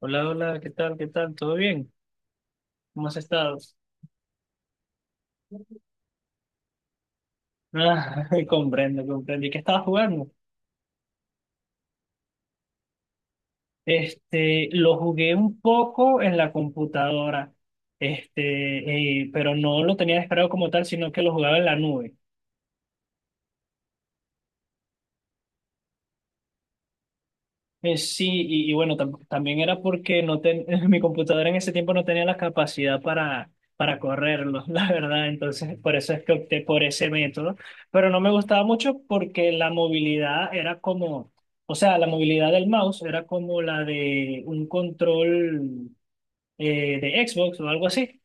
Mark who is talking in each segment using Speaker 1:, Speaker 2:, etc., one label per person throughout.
Speaker 1: Hola, hola, ¿qué tal? ¿Qué tal? ¿Todo bien? ¿Cómo has estado? Ah, comprendo, comprendo. ¿Y qué estabas jugando? Este, lo jugué un poco en la computadora, pero no lo tenía descargado como tal, sino que lo jugaba en la nube. Sí, y bueno, también era porque no ten- mi computadora en ese tiempo no tenía la capacidad para correrlo, la verdad. Entonces, por eso es que opté por ese método. Pero no me gustaba mucho porque la movilidad era como, o sea, la movilidad del mouse era como la de un control de Xbox o algo así.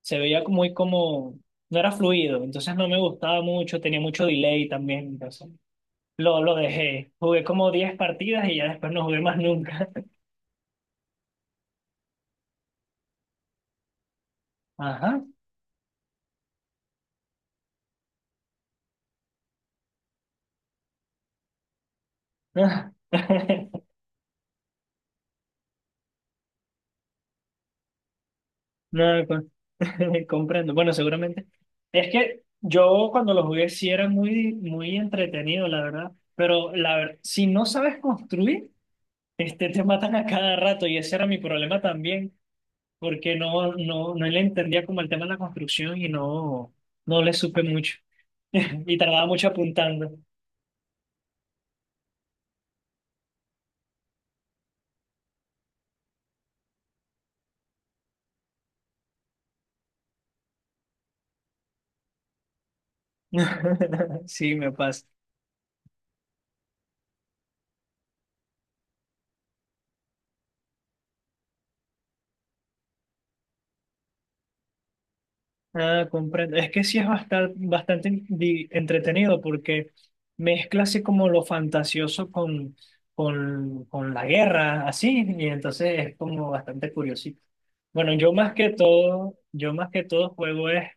Speaker 1: Muy como, no era fluido. Entonces, no me gustaba mucho, tenía mucho delay también. Entonces, lo dejé. Jugué como 10 partidas y ya después no jugué más nunca. Ajá. No, comprendo. Bueno, seguramente. Es que yo cuando lo jugué sí era muy entretenido, la verdad. Pero la verdad, si no sabes construir, este, te matan a cada rato y ese era mi problema también, porque no le entendía como el tema de la construcción y no, no le supe mucho. Y tardaba mucho apuntando. Sí, me pasa. Ah, comprendo. Es que sí es bastante, entretenido porque mezcla así como lo fantasioso con, con la guerra, así, y entonces es como bastante curiosito. Bueno, yo más que todo, yo más que todo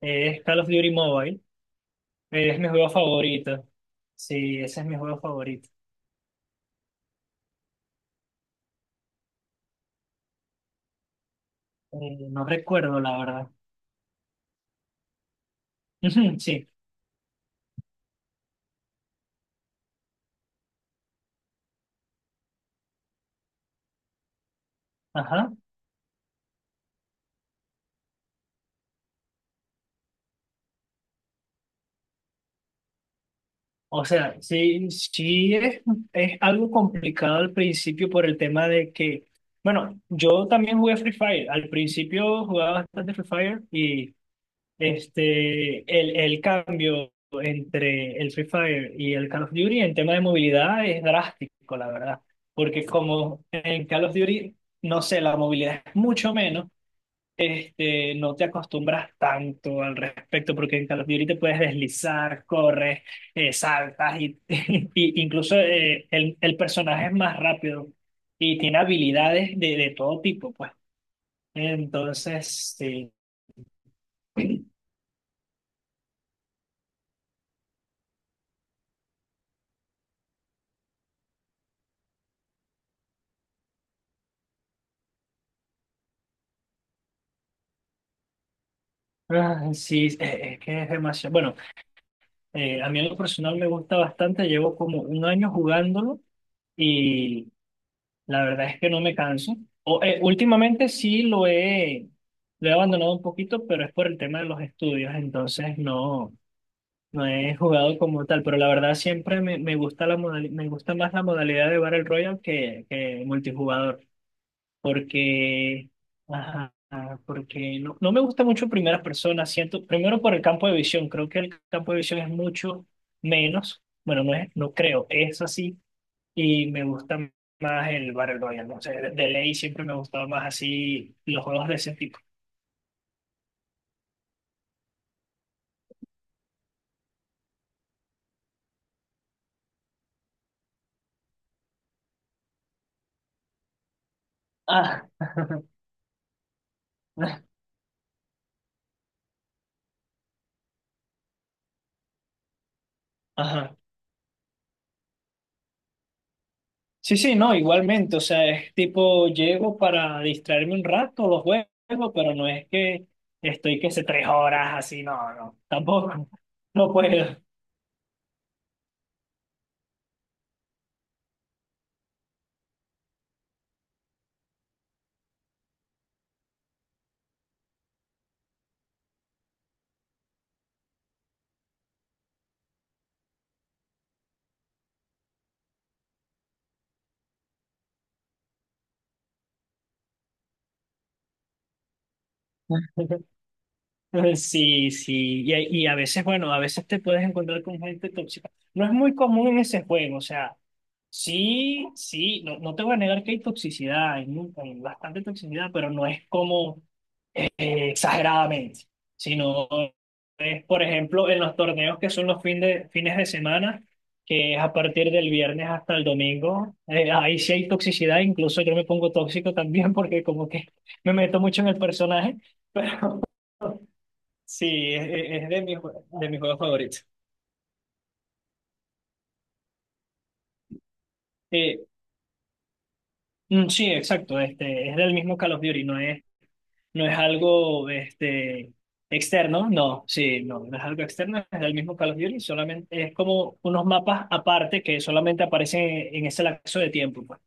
Speaker 1: es Call of Duty Mobile, es mi juego favorito. Sí, ese es mi juego favorito. No recuerdo, la verdad. Sí, ajá. O sea, sí es algo complicado al principio por el tema de que, bueno, yo también jugué Free Fire. Al principio jugaba bastante Free Fire y el cambio entre el Free Fire y el Call of Duty en tema de movilidad es drástico, la verdad. Porque como en Call of Duty, no sé, la movilidad es mucho menos, no te acostumbras tanto al respecto, porque en Call of Duty te puedes deslizar, corres, saltas y, y incluso el personaje es más rápido y tiene habilidades de todo tipo, pues. Entonces, sí. Ah, sí, es que es demasiado. Bueno, a mí en lo personal me gusta bastante, llevo como 1 año jugándolo. La verdad es que no me canso. Últimamente sí lo he abandonado un poquito, pero es por el tema de los estudios, entonces no, no he jugado como tal. Pero la verdad siempre me gusta la me gusta más la modalidad de Battle Royale que multijugador, porque, ajá, porque no, no me gusta mucho primera persona. Siento, primero por el campo de visión, creo que el campo de visión es mucho menos. Bueno, no es, no creo, es así y me gusta más el Battle Royale. No sé, de ley siempre me ha gustado más así los juegos de ese tipo. Ah, ajá. Sí, no, igualmente. O sea, es tipo, llego para distraerme un rato, los juegos, pero no es que estoy que sé 3 horas así, no, no, tampoco. No puedo. Sí, sí, y, y a veces, bueno, a veces te puedes encontrar con gente tóxica. No es muy común en ese juego, o sea, sí, sí, no, no te voy a negar que hay toxicidad, hay, hay bastante toxicidad, pero no es como exageradamente, sino es, por ejemplo, en los torneos que son fines de semana, que es a partir del viernes hasta el domingo, ahí sí hay toxicidad, incluso yo me pongo tóxico también porque como que me meto mucho en el personaje. Sí, de mis, de mis juegos favoritos. Eh, sí, exacto. Este, es del mismo Call of Duty, no es, no es algo externo. No, sí, no, no es algo externo, es del mismo Call of Duty, solamente es como unos mapas aparte que solamente aparecen en ese lapso de tiempo, pues.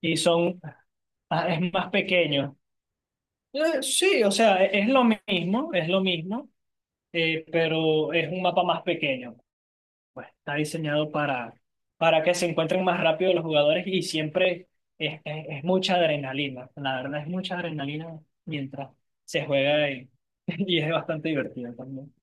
Speaker 1: Y son, ah, es más pequeño. Sí, o sea, es lo mismo, pero es un mapa más pequeño. Pues está diseñado para que se encuentren más rápido los jugadores y siempre es mucha adrenalina. La verdad es mucha adrenalina mientras se juega y, y es bastante divertido también.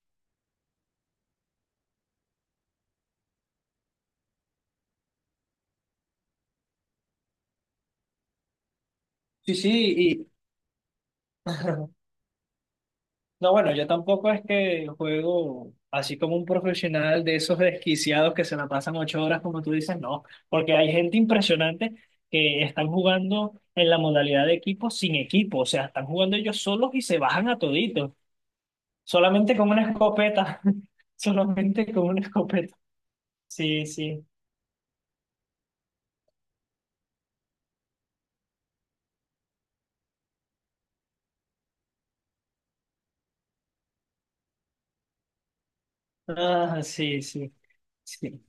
Speaker 1: Sí, sí, y no, bueno, yo tampoco es que juego así como un profesional de esos desquiciados que se la pasan 8 horas, como tú dices, no, porque hay gente impresionante que están jugando en la modalidad de equipo sin equipo, o sea, están jugando ellos solos y se bajan a toditos. Solamente con una escopeta. Solamente con una escopeta. Sí, sí. Ah, sí, sí, sí.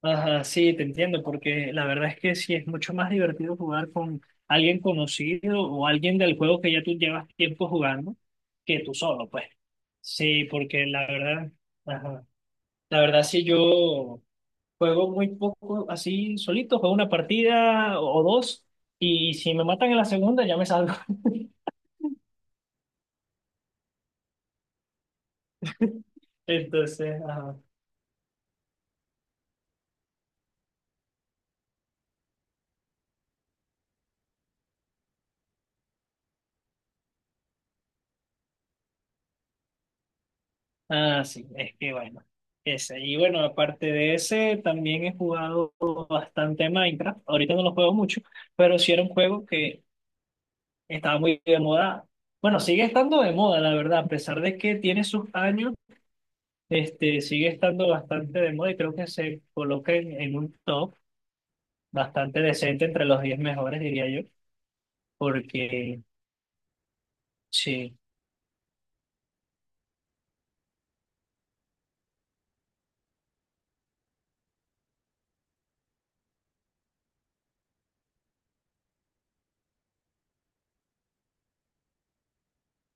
Speaker 1: Ajá, sí, te entiendo, porque la verdad es que sí es mucho más divertido jugar con alguien conocido o alguien del juego que ya tú llevas tiempo jugando que tú solo, pues. Sí, porque la verdad, ajá, la verdad sí yo juego muy poco así solito, juego una partida o dos y si me matan en la segunda ya me salgo. Entonces, ajá. Ah, sí, es que bueno, ese. Y bueno, aparte de ese, también he jugado bastante Minecraft. Ahorita no lo juego mucho, pero sí era un juego que estaba muy de moda. Bueno, sigue estando de moda, la verdad, a pesar de que tiene sus años, sigue estando bastante de moda y creo que se coloca en un top bastante decente entre los 10 mejores, diría yo, porque sí,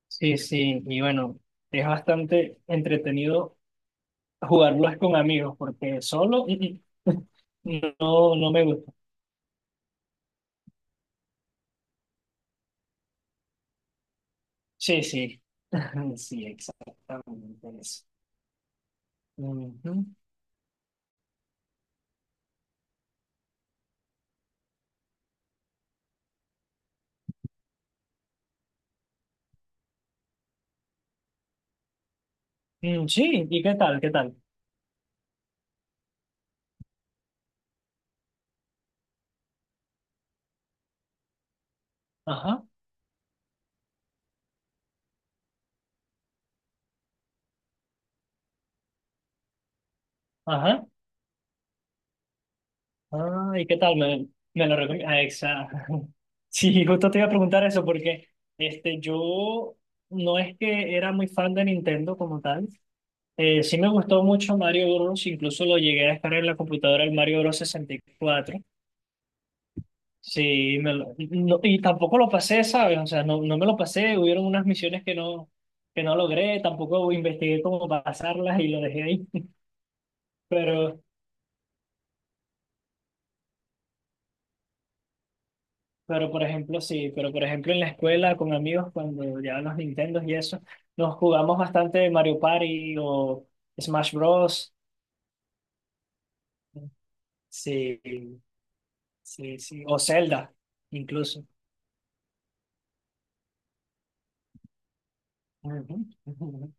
Speaker 1: sí, sí. Y bueno, es bastante entretenido. Jugarlo es con amigos, porque solo no, no me gusta. Sí, sí. Sí, exactamente eso. Ujú. Mm, sí, ¿y qué tal? ¿Qué tal? Ajá, ajá. Ah, ¿y qué tal? Me lo recomiendo, exacto. Sí, justo te iba a preguntar eso porque yo no es que era muy fan de Nintendo como tal. Sí me gustó mucho Mario Bros. Incluso lo llegué a descargar en la computadora el Mario Bros. 64. Sí, me lo- no- y tampoco lo pasé, ¿sabes? O sea, no, no me lo pasé, hubieron unas misiones que no logré, tampoco investigué cómo pasarlas y lo dejé ahí. Pero, pero por ejemplo, sí, pero por ejemplo en la escuela con amigos cuando llevaban los Nintendos y eso, nos jugamos bastante Mario Party o Smash Bros. Sí, sí, sí, o Zelda incluso. Ujú, ujú.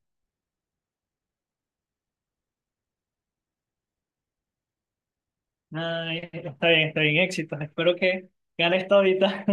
Speaker 1: Ay, está bien, éxitos. Espero que ganes todita.